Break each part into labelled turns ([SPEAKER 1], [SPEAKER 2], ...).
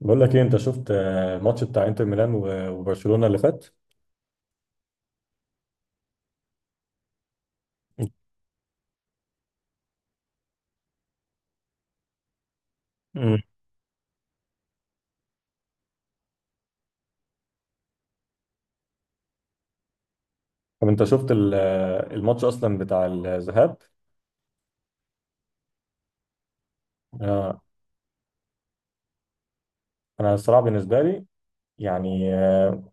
[SPEAKER 1] بقول لك ايه، انت شفت الماتش بتاع انتر ميلان و- وبرشلونة اللي فات؟ مم. طب انت شفت الماتش اصلا بتاع الذهاب؟ آه، انا الصراحة بالنسبة لي، يعني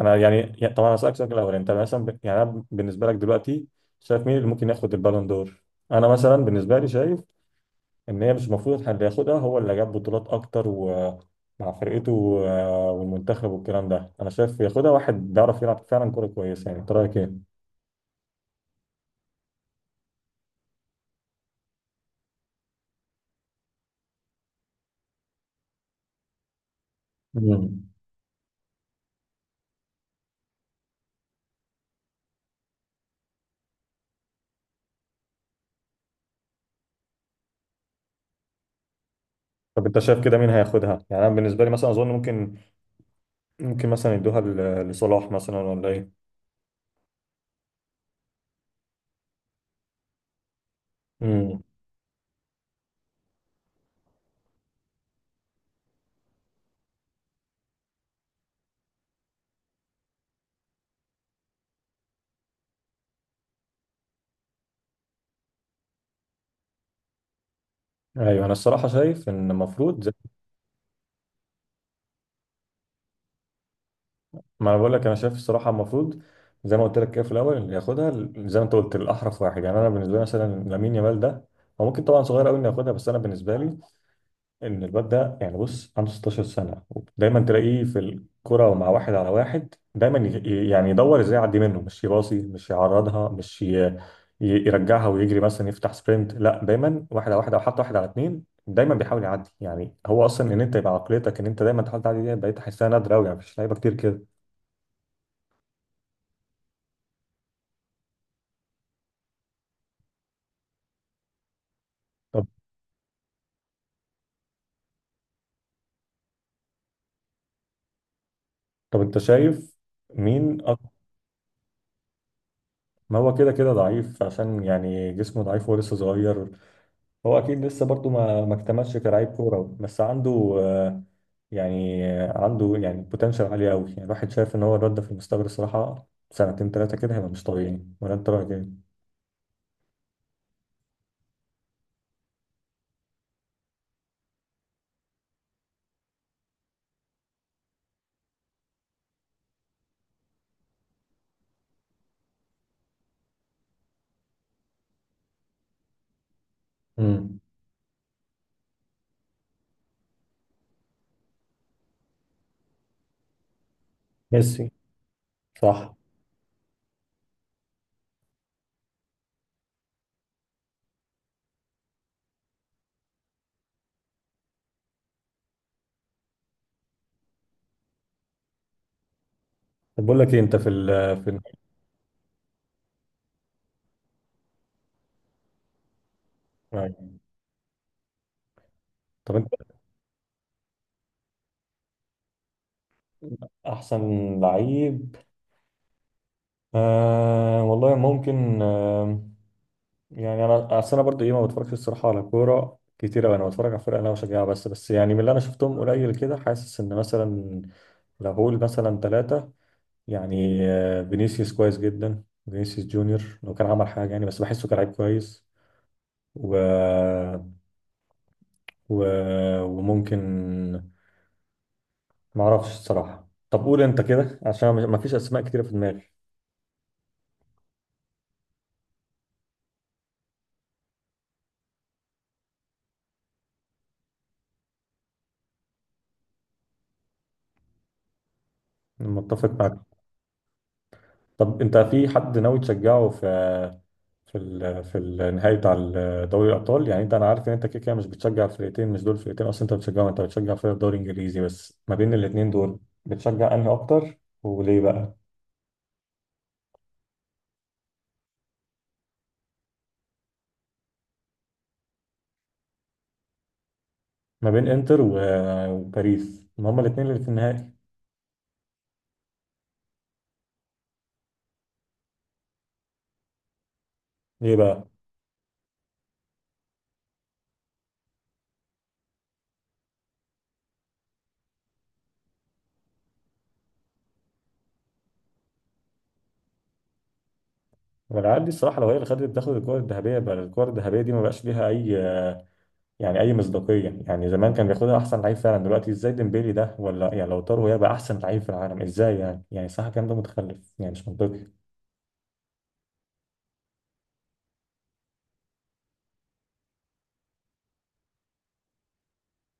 [SPEAKER 1] انا يعني طبعا هسألك سؤال. الاول انت مثلا يعني أنا بالنسبة لك دلوقتي شايف مين اللي ممكن ياخد البالون دور؟ انا مثلا بالنسبة لي شايف ان هي مش المفروض اللي ياخدها هو اللي جاب بطولات اكتر ومع فرقته والمنتخب والكلام ده. انا شايف ياخدها واحد بيعرف يلعب فعلا كورة كويسة. يعني انت رأيك ايه؟ مم. طب انت شايف كده مين هياخدها؟ يعني انا بالنسبه لي مثلا اظن ممكن مثلا يدوها لصلاح مثلا، ولا ايه؟ امم. ايوه، انا الصراحه شايف ان المفروض، زي ما انا بقول لك، انا شايف الصراحه المفروض زي ما قلت لك كده في الاول، اللي ياخدها، زي ما انت قلت، الاحرف واحد. يعني انا بالنسبه لي مثلا لامين يامال ده، هو ممكن طبعا صغير قوي انه ياخدها، بس انا بالنسبه لي ان الواد ده، يعني بص، عنده 16 سنه، ودايما تلاقيه في الكره، ومع واحد على واحد دايما يعني يدور ازاي يعدي منه، مش يباصي، مش يعرضها، مش يرجعها ويجري مثلا يفتح سبرنت. لا، دايما واحد على واحد او حتى واحد على اتنين، دايما بيحاول يعدي. يعني هو اصلا، ان انت يبقى عقليتك ان انت دايما تحاول تعدي، دي بقيت احسها نادره قوي. يعني مفيش لعيبه كتير كده. طب طب انت شايف مين. ما هو كده كده ضعيف، عشان يعني جسمه ضعيف ولسه صغير. هو اكيد لسه برضه ما اكتملش كلاعب كوره، بس عنده يعني عنده يعني بوتنشال عالي قوي. يعني الواحد شايف ان هو الواد ده في المستقبل الصراحه، سنتين ثلاثه كده، هيبقى مش طبيعي. ولا انت رايك ايه؟ امم. ميسي. صح. طب بقول لك ايه، انت في ال. طب انت احسن لعيب؟ آه، والله ممكن. يعني انا، أصل انا برضو، ايه، ما بتفرجش الصراحه على كوره كتير أوي. انا بتفرج على فرق انا بشجعها. بس يعني من اللي انا شفتهم قليل كده، حاسس ان مثلا، لو هقول مثلا ثلاثة، يعني فينيسيوس كويس جدا. فينيسيوس جونيور، لو كان عمل حاجة يعني، بس بحسه كلاعب كويس. و... و... وممكن، ما اعرفش الصراحة. طب قول انت كده عشان ما فيش اسماء كتيرة في دماغي. متفق معاك. طب انت في حد ناوي تشجعه؟ في النهائي بتاع دوري الابطال؟ يعني، انت انا عارف ان انت كده كده مش بتشجع فرقتين، مش دول فرقتين اصلا انت بتشجعهم، انت بتشجع فرق الدوري الانجليزي. بس ما بين الاتنين دول بتشجع انهي اكتر؟ وليه بقى؟ ما بين انتر و- وباريس؟ ما هما الاثنين اللي في النهائي. ليه بقى؟ والعيال دي الصراحه لو هي اللي خدت، تاخد الكره الذهبيه؟ بقى الكره الذهبيه دي ما بقاش ليها اي، يعني، اي مصداقيه. يعني زمان كان بياخدها احسن لعيب فعلا، دلوقتي ازاي ديمبيلي ده، ولا يعني لو طاروا، هيبقى احسن لعيب في العالم؟ ازاي يعني؟ يعني صح، الكلام ده متخلف يعني، مش منطقي.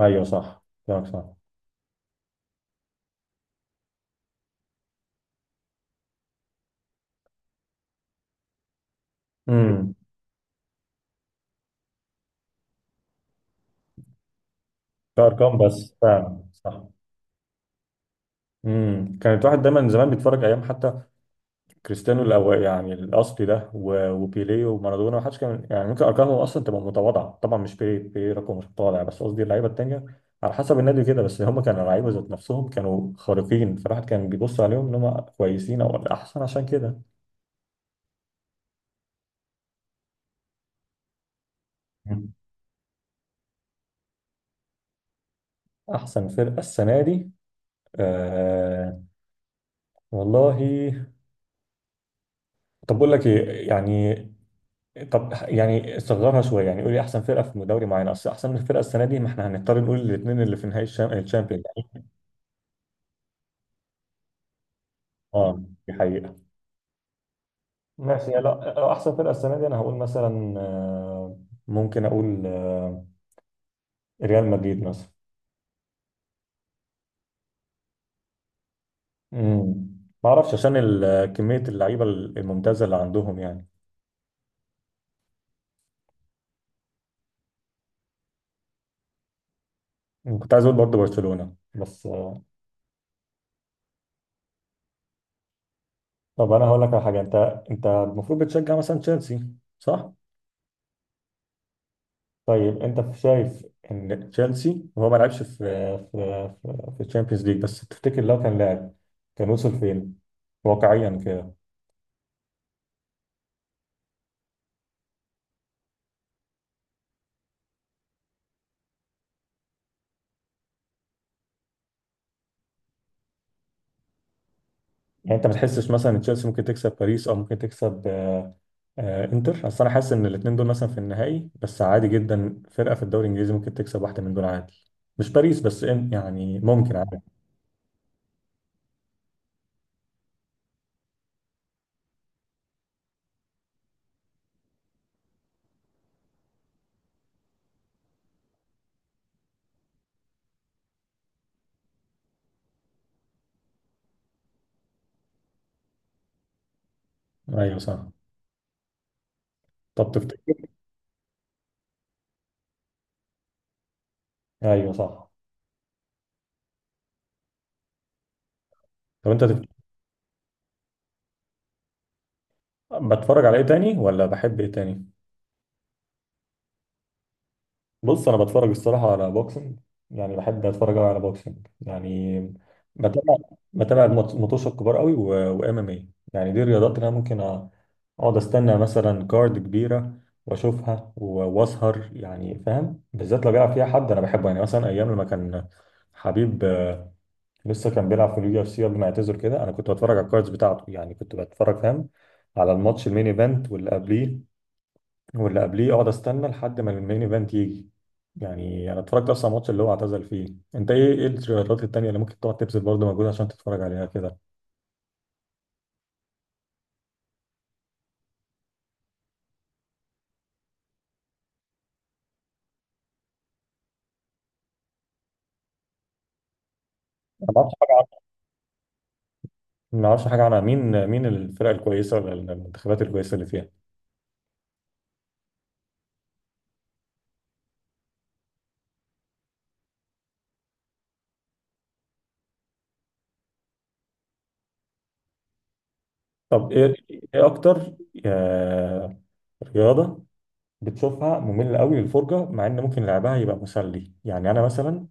[SPEAKER 1] ايوه صح كلامك صح. امم. كارقام، بس فعلا صح. كانت واحد دايما زمان بيتفرج ايام حتى كريستيانو يعني الاصلي ده، وبيليه ومارادونا. ما حدش كان يعني، ممكن ارقامهم اصلا تبقى متواضعه. طبعا مش بيليه، بيليه رقم مش متواضع، بس قصدي اللعيبه التانيه، على حسب النادي كده. بس هم كانوا لعيبه ذات نفسهم، كانوا خارقين، فالواحد كان بيبص عليهم ان هم كويسين او احسن عشان كده. مم. احسن فرقه السنه دي؟ آه... والله، طب بقول لك ايه يعني، طب يعني صغرها شويه، يعني قولي احسن فرقه في دوري معين، اصل احسن فرقه السنه دي، ما احنا هنضطر نقول الاثنين اللي في نهائي الشامبيونز يعني. اه دي حقيقه. ماشي، يعني لا، لو احسن فرقه السنه دي انا هقول مثلا، ممكن اقول ريال مدريد مثلا. امم. ما اعرفش، عشان كميه اللعيبه الممتازه اللي عندهم يعني. كنت عايز اقول برضه برشلونه، بس. طب انا هقول لك على حاجه. انت المفروض بتشجع مثلا تشيلسي، صح؟ طيب انت شايف ان تشيلسي، وهو ما لعبش في الشامبيونز ليج، بس تفتكر لو كان لاعب كان وصل فين واقعيا كده؟ يعني انت ما تحسش مثلا ان تشيلسي ممكن تكسب باريس، او ممكن تكسب انتر؟ اصل انا حاسس ان الاثنين دول مثلا في النهائي، بس عادي جدا فرقه في الدوري الانجليزي ممكن تكسب واحده من دول عادي. مش باريس بس، يعني ممكن عادي. ايوه صح. طب تفتكر. ايوه صح. طب انت تفتكر، بتفرج على ايه تاني، ولا بحب ايه تاني؟ بص انا بتفرج الصراحه على بوكسنج. يعني بحب اتفرج أوي على بوكسنج، يعني بتابع، المطوشه الكبار قوي، وام ام اي. يعني دي الرياضات اللي انا ممكن اقعد استنى مثلا كارد كبيره واشوفها و- واسهر. يعني فاهم، بالذات لو بيلعب فيها حد انا بحبه. يعني مثلا ايام لما كان حبيب، لسه كان بيلعب في اليو اف سي قبل ما يعتزل كده، انا كنت بتفرج على الكاردز بتاعته. يعني كنت بتفرج، فاهم، على الماتش المين ايفنت واللي قبليه واللي قبليه، اقعد استنى لحد ما المين ايفنت يجي. يعني انا اتفرجت اصلا على الماتش اللي هو اعتزل فيه. انت ايه، الرياضات التانية اللي ممكن تقعد تبذل برضه مجهود عشان تتفرج عليها كده؟ أنا ما اعرفش حاجه. ما اعرفش حاجه عنها، مين الفرق الكويسه ولا المنتخبات الكويسه اللي فيها. طب ايه، ايه اكتر آه، رياضه بتشوفها ممله قوي للفرجه، مع ان ممكن لعبها يبقى مسلي؟ يعني انا مثلا،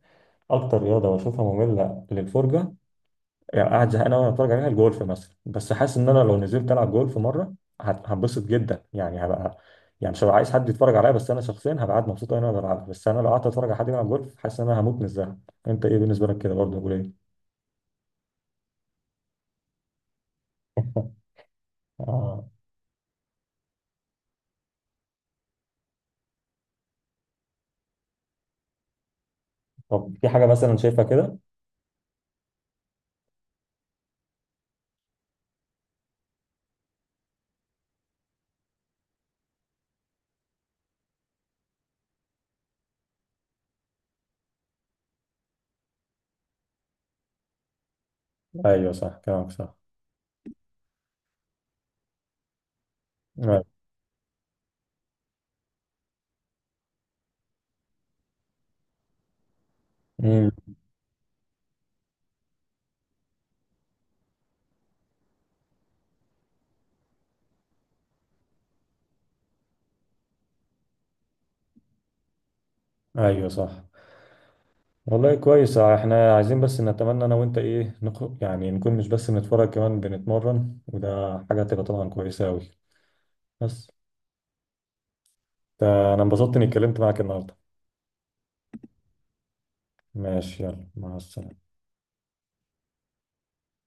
[SPEAKER 1] اكتر رياضه بشوفها ممله للفرجه، يعني قاعد زهقان أوي وأنا بتفرج عليها، الجولف مثلا. بس حاسس إن أنا لو نزلت ألعب جولف مرة، هتبسط جدا. يعني هبقى، يعني مش هبقى عايز حد يتفرج عليا، بس أنا شخصيا هبقى قاعد مبسوط أوي إن أنا بلعب. بس أنا لو قعدت أتفرج على حد بيلعب جولف، حاسس إن أنا هموت من الزهق. أنت إيه بالنسبة لك كده برضه، قول إيه؟ آه. طب في حاجة مثلا شايفها كده؟ أيوه صح كلامك صح. أيوه. أمم. أيوه صح. والله كويس، احنا عايزين بس نتمنى انا وانت، ايه، يعني نكون مش بس بنتفرج، كمان بنتمرن، وده حاجة هتبقى طبعا كويسة اوي. بس انا انبسطت اني اتكلمت معاك النهارده. ماشي، يلا، مع السلامه.